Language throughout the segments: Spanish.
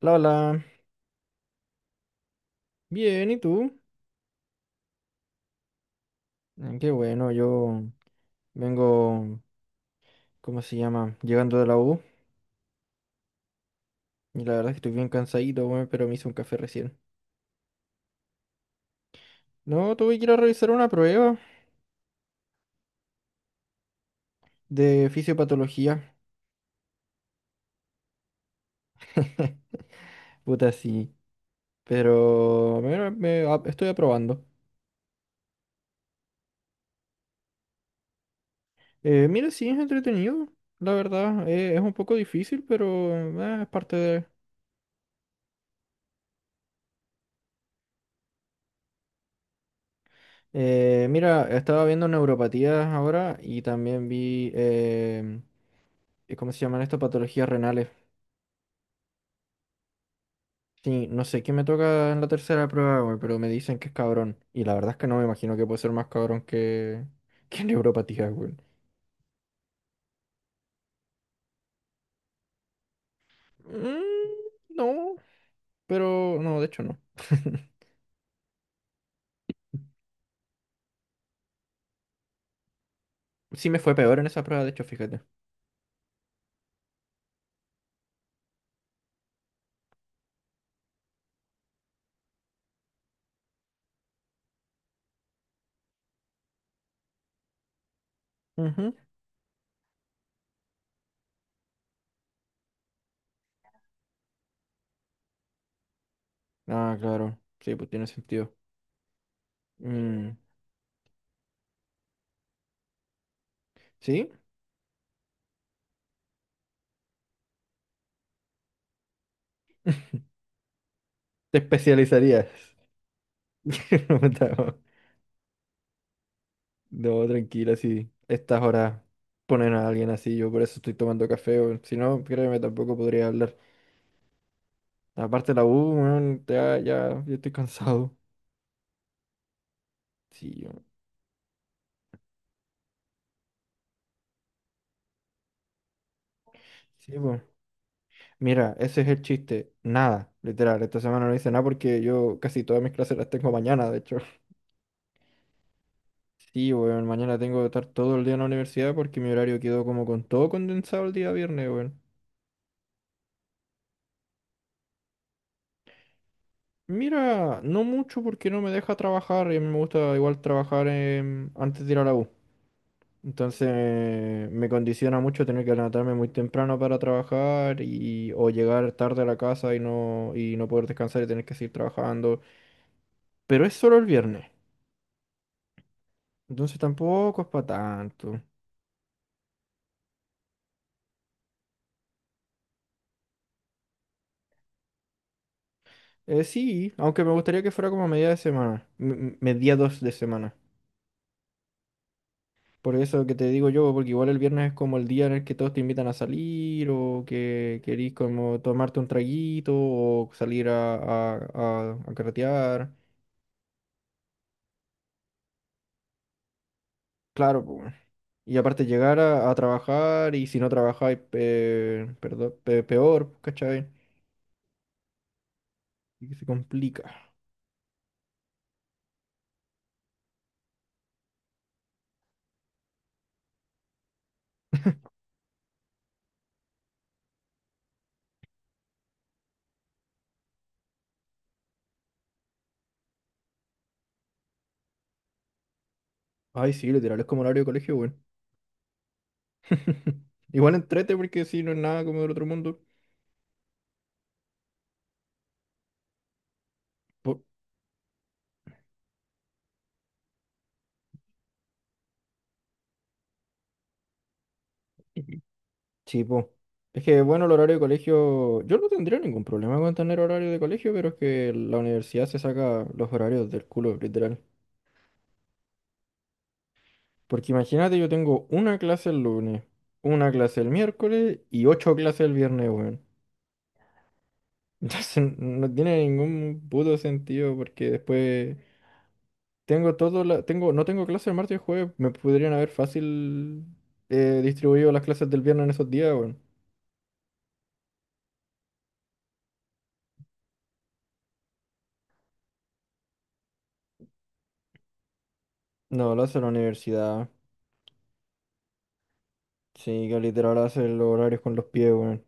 Hola. Bien, ¿y tú? Mm. Qué bueno, yo vengo, ¿cómo se llama? Llegando de la U. Y la verdad es que estoy bien cansadito, weón, pero me hice un café recién. No, tuve que ir a revisar una prueba de fisiopatología. Puta, sí. Pero mira, estoy aprobando. Mira, sí, es entretenido, la verdad. Es un poco difícil, pero es parte de. Mira, estaba viendo neuropatías ahora y también vi, ¿cómo se llaman estas patologías renales? Sí, no sé qué me toca en la tercera prueba, güey, pero me dicen que es cabrón. Y la verdad es que no me imagino que puede ser más cabrón que, que neuropatía, güey. Mm, no, pero no, de hecho no. Sí me fue peor en esa prueba, de hecho, fíjate. Ujú. Ah, claro. Sí, pues tiene sentido. Mm. ¿Sí? ¿Te especializarías? No, no, no, tranquila, sí. Estas horas ponen a alguien así, yo por eso estoy tomando café, güey. Si no, créeme, tampoco podría hablar. Aparte de la U, weón, ya, ya, yo estoy cansado. Sí, weón. Sí, weón. Mira, ese es el chiste. Nada, literal. Esta semana no hice nada porque yo casi todas mis clases las tengo mañana, de hecho. Sí, weón, mañana tengo que estar todo el día en la universidad porque mi horario quedó como con todo condensado el día viernes, weón. Mira, no mucho porque no me deja trabajar y a mí me gusta igual trabajar antes de ir a la U. Entonces me condiciona mucho tener que levantarme muy temprano para trabajar y o llegar tarde a la casa y no poder descansar y tener que seguir trabajando. Pero es solo el viernes, entonces tampoco es para tanto. Sí, aunque me gustaría que fuera como a media de semana, mediados de semana. Por eso que te digo yo, porque igual el viernes es como el día en el que todos te invitan a salir o que querís como tomarte un traguito o salir a carretear. Claro, y aparte llegar a trabajar y si no trabajáis, perdón, peor, ¿cachai? Y que se complica. Ay, sí, literal, es como horario de colegio, bueno. Igual entrete porque sí, no es nada como del otro mundo. Po- Sí, po. Es que, bueno, el horario de colegio, yo no tendría ningún problema con tener horario de colegio, pero es que la universidad se saca los horarios del culo, literal. Porque imagínate, yo tengo una clase el lunes, una clase el miércoles y ocho clases el viernes, weón. Entonces no tiene ningún puto sentido porque después tengo todo la, tengo, no tengo clases el martes y jueves, me podrían haber fácil distribuido las clases del viernes en esos días, weón. No, lo hace la universidad. Sí, que literal hace los horarios con los pies, weón.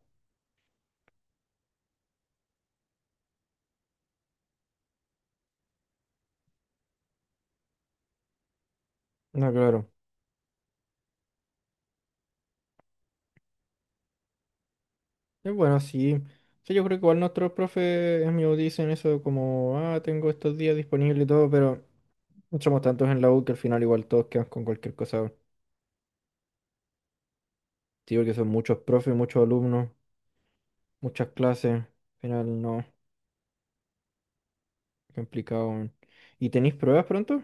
No, claro. Es bueno, sí. Sí, yo creo que igual nuestros profes me dicen eso como, ah, tengo estos días disponibles y todo, pero somos tantos en la U que al final igual todos quedan con cualquier cosa, weón. Sí, porque son muchos profes, muchos alumnos. Muchas clases. Al final no. Complicado, weón. ¿Y tenéis pruebas pronto?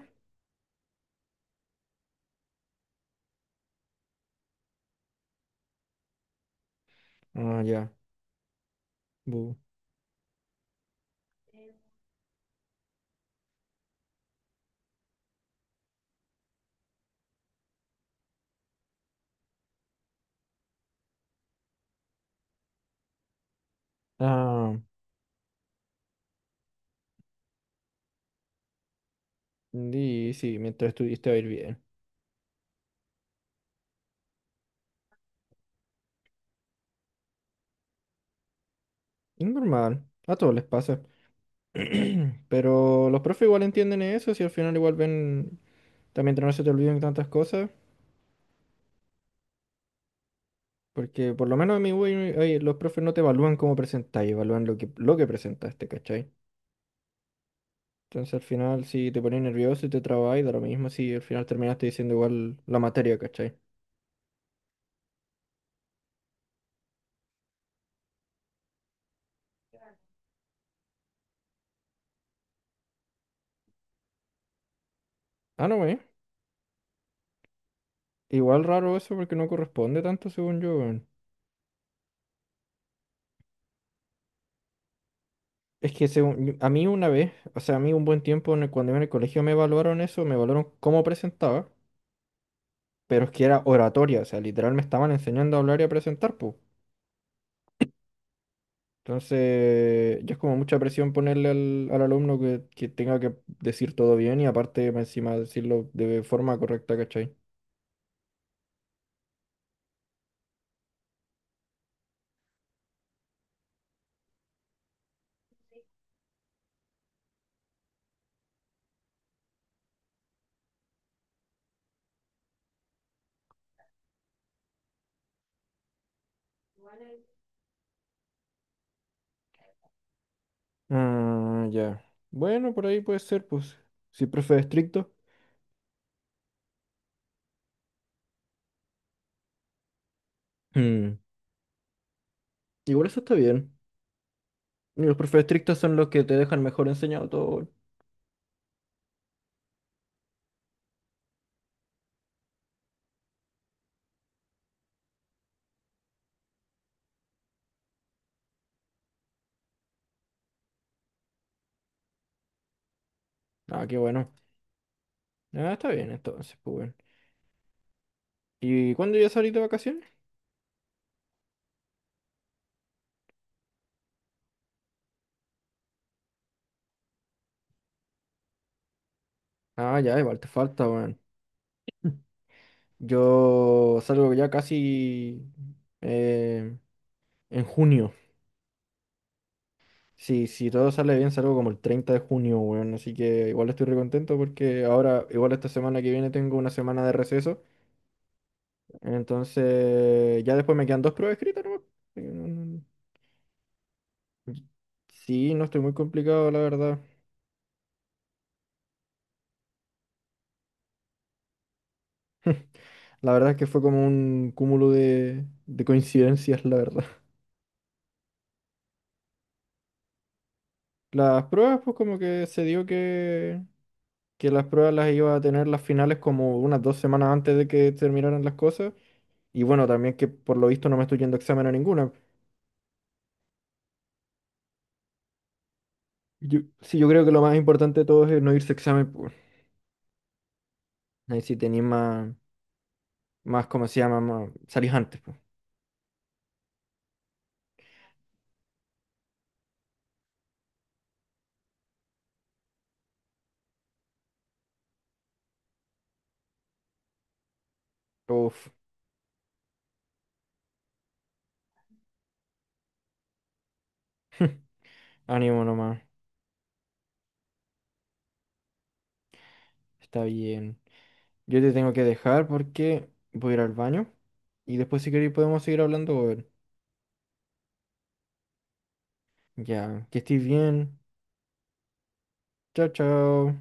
Ah, ya. Bu. Ah, sí sí, mientras estuviste va a ir bien. Es normal. A todos les pasa. Pero los profes igual entienden eso, si al final igual ven, también no se te olviden tantas cosas, porque por lo menos a mi güey, ay, los profes no te evalúan cómo presentáis, evalúan lo que presentaste, ¿cachai? Entonces al final si te pones nervioso y te trabas, da lo mismo si al final terminaste diciendo igual la materia, ¿cachai? Ah, no, güey. Igual raro eso porque no corresponde tanto según yo, weón. Es que a mí una vez, o sea, a mí un buen tiempo cuando iba en el colegio me evaluaron eso, me evaluaron cómo presentaba, pero es que era oratoria, o sea, literal me estaban enseñando a hablar y a presentar, pues. Entonces, ya es como mucha presión ponerle al alumno que, tenga que decir todo bien y aparte más encima decirlo de forma correcta, ¿cachai? Ah, ya. Bueno, por ahí puede ser, pues. Si el profe es estricto. Mm, Igual eso está bien. Y los profes estrictos son los que te dejan mejor enseñado todo. Ah, qué bueno. Ah, está bien entonces, pues bueno. ¿Y cuándo ya salís de vacaciones? Ah, ya, igual te falta, weón. Yo salgo ya casi eh, en junio. Sí, si todo sale bien, salgo como el 30 de junio, weón. Así que igual estoy recontento porque ahora, igual esta semana que viene, tengo una semana de receso. Entonces, ya después me quedan dos pruebas escritas, ¿no? Sí, sí, no estoy muy complicado, la verdad. La verdad es que fue como un cúmulo de coincidencias, la verdad. Las pruebas, pues como que se dio que, las pruebas las iba a tener las finales como unas 2 semanas antes de que terminaran las cosas. Y bueno, también que por lo visto no me estoy yendo a examen a ninguna. Sí, yo creo que lo más importante de todo es no irse a examen, pues. Ahí sí tenéis más, ¿cómo se llama? Más, salís antes, pues. Uf, ánimo nomás. Está bien. Yo te tengo que dejar porque voy a ir al baño. Y después si queréis podemos seguir hablando. Ya, que estés bien. Chao, chao.